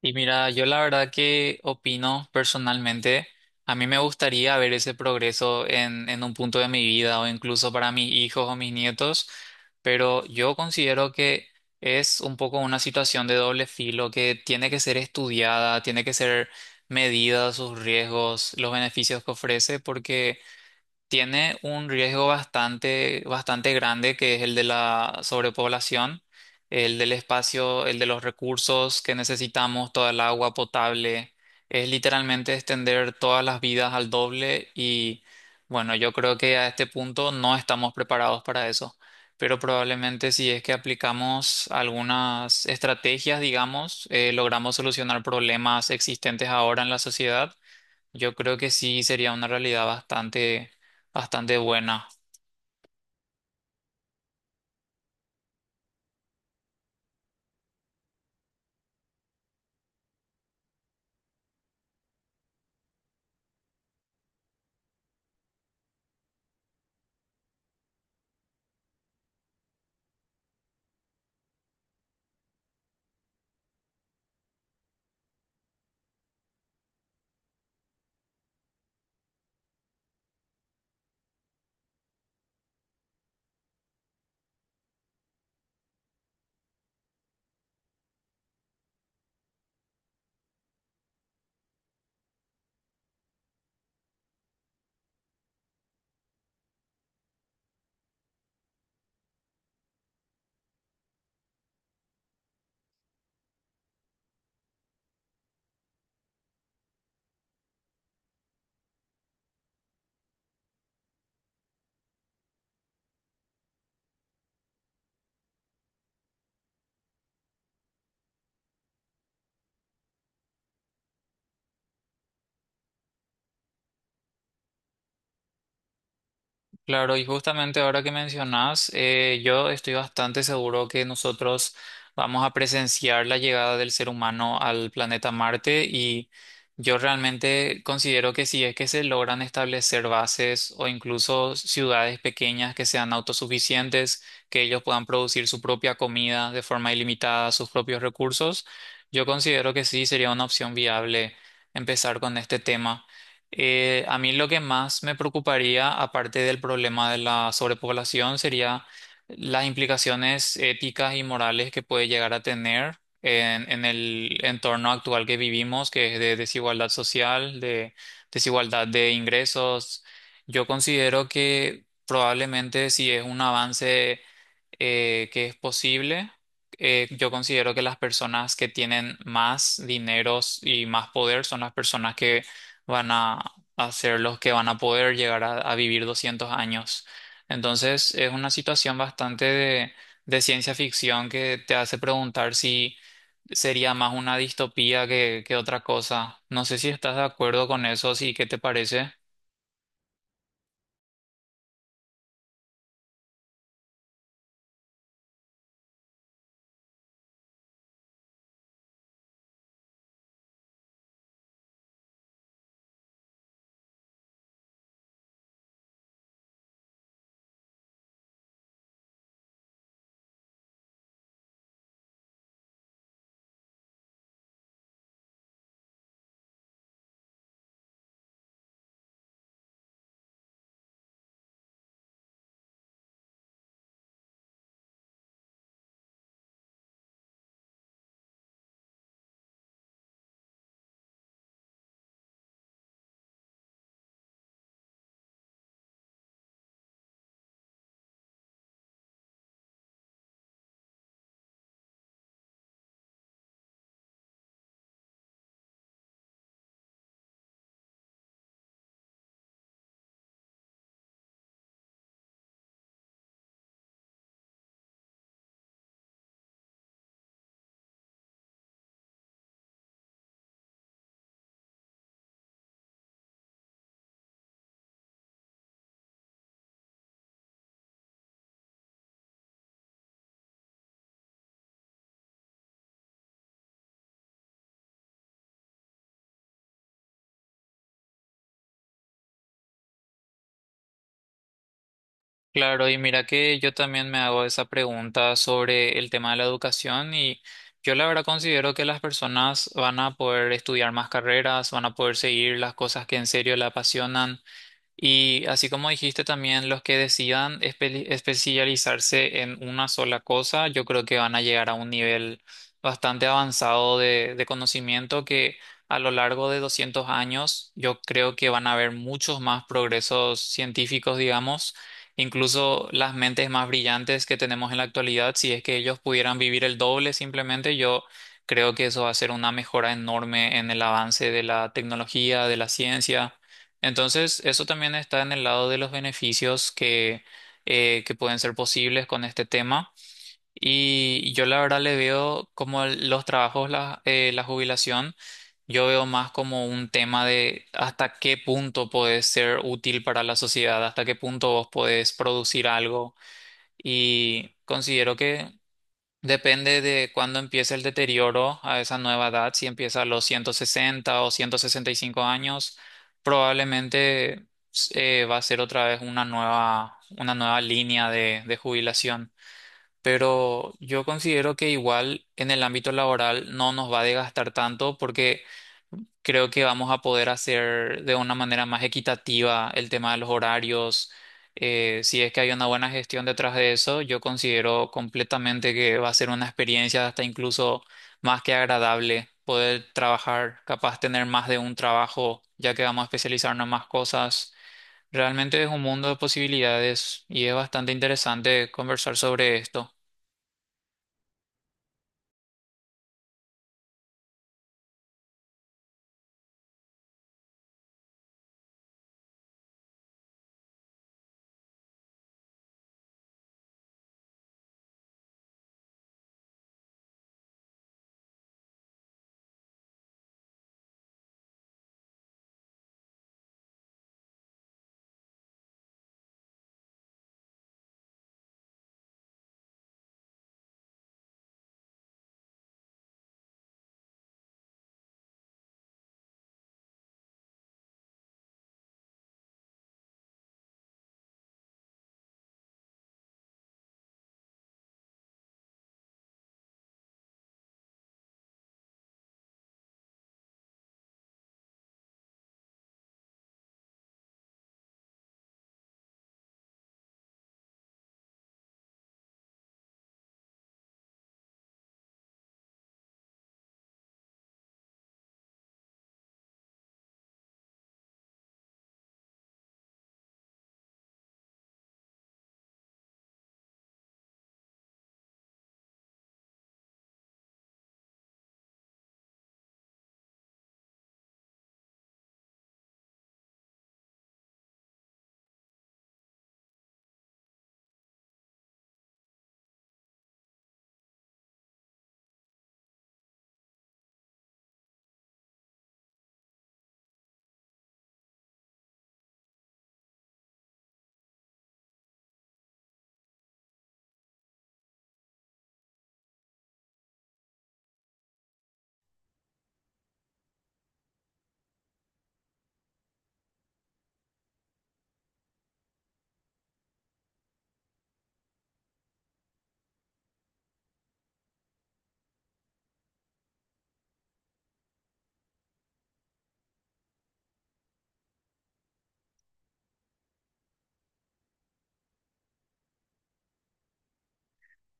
Y mira, yo la verdad que opino personalmente, a mí me gustaría ver ese progreso en un punto de mi vida o incluso para mis hijos o mis nietos, pero yo considero que es un poco una situación de doble filo que tiene que ser estudiada, tiene que ser medida sus riesgos, los beneficios que ofrece, porque tiene un riesgo bastante grande, que es el de la sobrepoblación, el del espacio, el de los recursos que necesitamos, toda el agua potable. Es literalmente extender todas las vidas al doble y bueno, yo creo que a este punto no estamos preparados para eso. Pero probablemente si es que aplicamos algunas estrategias, digamos, logramos solucionar problemas existentes ahora en la sociedad, yo creo que sí sería una realidad bastante buena. Claro, y justamente ahora que mencionas, yo estoy bastante seguro que nosotros vamos a presenciar la llegada del ser humano al planeta Marte, y yo realmente considero que si es que se logran establecer bases o incluso ciudades pequeñas que sean autosuficientes, que ellos puedan producir su propia comida de forma ilimitada, sus propios recursos, yo considero que sí sería una opción viable empezar con este tema. A mí lo que más me preocuparía, aparte del problema de la sobrepoblación, sería las implicaciones éticas y morales que puede llegar a tener en el entorno actual que vivimos, que es de desigualdad social, de desigualdad de ingresos. Yo considero que probablemente si es un avance que es posible. Yo considero que las personas que tienen más dineros y más poder son las personas que van a, a ser los que van a poder a vivir 200 años. Entonces es una situación bastante de ciencia ficción que te hace preguntar si sería más una distopía que otra cosa. No sé si estás de acuerdo con eso, sí, ¿qué te parece? Claro, y mira que yo también me hago esa pregunta sobre el tema de la educación, y yo la verdad considero que las personas van a poder estudiar más carreras, van a poder seguir las cosas que en serio le apasionan. Y así como dijiste también, los que decidan especializarse en una sola cosa, yo creo que van a llegar a un nivel bastante avanzado de conocimiento que a lo largo de 200 años yo creo que van a haber muchos más progresos científicos, digamos, incluso las mentes más brillantes que tenemos en la actualidad, si es que ellos pudieran vivir el doble simplemente, yo creo que eso va a ser una mejora enorme en el avance de la tecnología, de la ciencia. Entonces, eso también está en el lado de los beneficios que pueden ser posibles con este tema. Y yo la verdad le veo como los trabajos, la jubilación, yo veo más como un tema de hasta qué punto podés ser útil para la sociedad, hasta qué punto vos podés producir algo. Y considero que depende de cuándo empiece el deterioro a esa nueva edad. Si empieza a los 160 o 165 años, probablemente va a ser otra vez una nueva línea de jubilación. Pero yo considero que igual en el ámbito laboral no nos va a desgastar tanto porque creo que vamos a poder hacer de una manera más equitativa el tema de los horarios. Si es que hay una buena gestión detrás de eso, yo considero completamente que va a ser una experiencia hasta incluso más que agradable poder trabajar, capaz tener más de un trabajo, ya que vamos a especializarnos en más cosas. Realmente es un mundo de posibilidades y es bastante interesante conversar sobre esto.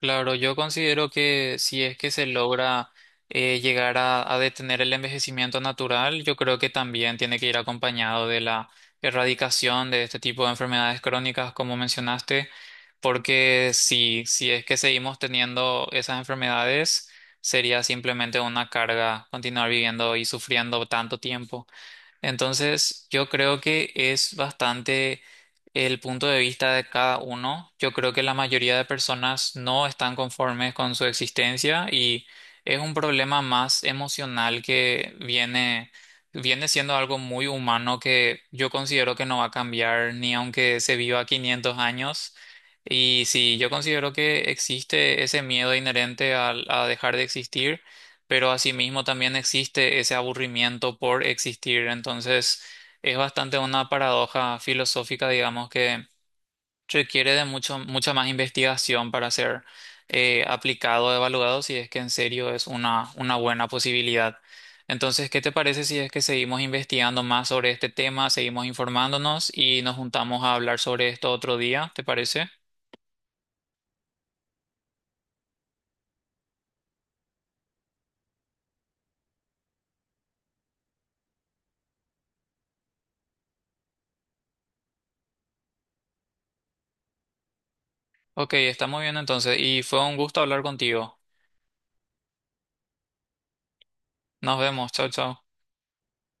Claro, yo considero que si es que se logra llegar a detener el envejecimiento natural, yo creo que también tiene que ir acompañado de la erradicación de este tipo de enfermedades crónicas, como mencionaste, porque si es que seguimos teniendo esas enfermedades, sería simplemente una carga continuar viviendo y sufriendo tanto tiempo. Entonces, yo creo que es bastante el punto de vista de cada uno. Yo creo que la mayoría de personas no están conformes con su existencia, y es un problema más emocional que viene siendo algo muy humano que yo considero que no va a cambiar ni aunque se viva 500 años. Y sí, yo considero que existe ese miedo inherente a dejar de existir, pero asimismo también existe ese aburrimiento por existir. Entonces, es bastante una paradoja filosófica, digamos, que requiere de mucha más investigación para ser aplicado o evaluado si es que en serio es una buena posibilidad. Entonces, ¿qué te parece si es que seguimos investigando más sobre este tema, seguimos informándonos y nos juntamos a hablar sobre esto otro día? ¿Te parece? Ok, está muy bien entonces y fue un gusto hablar contigo. Nos vemos, chao, chao.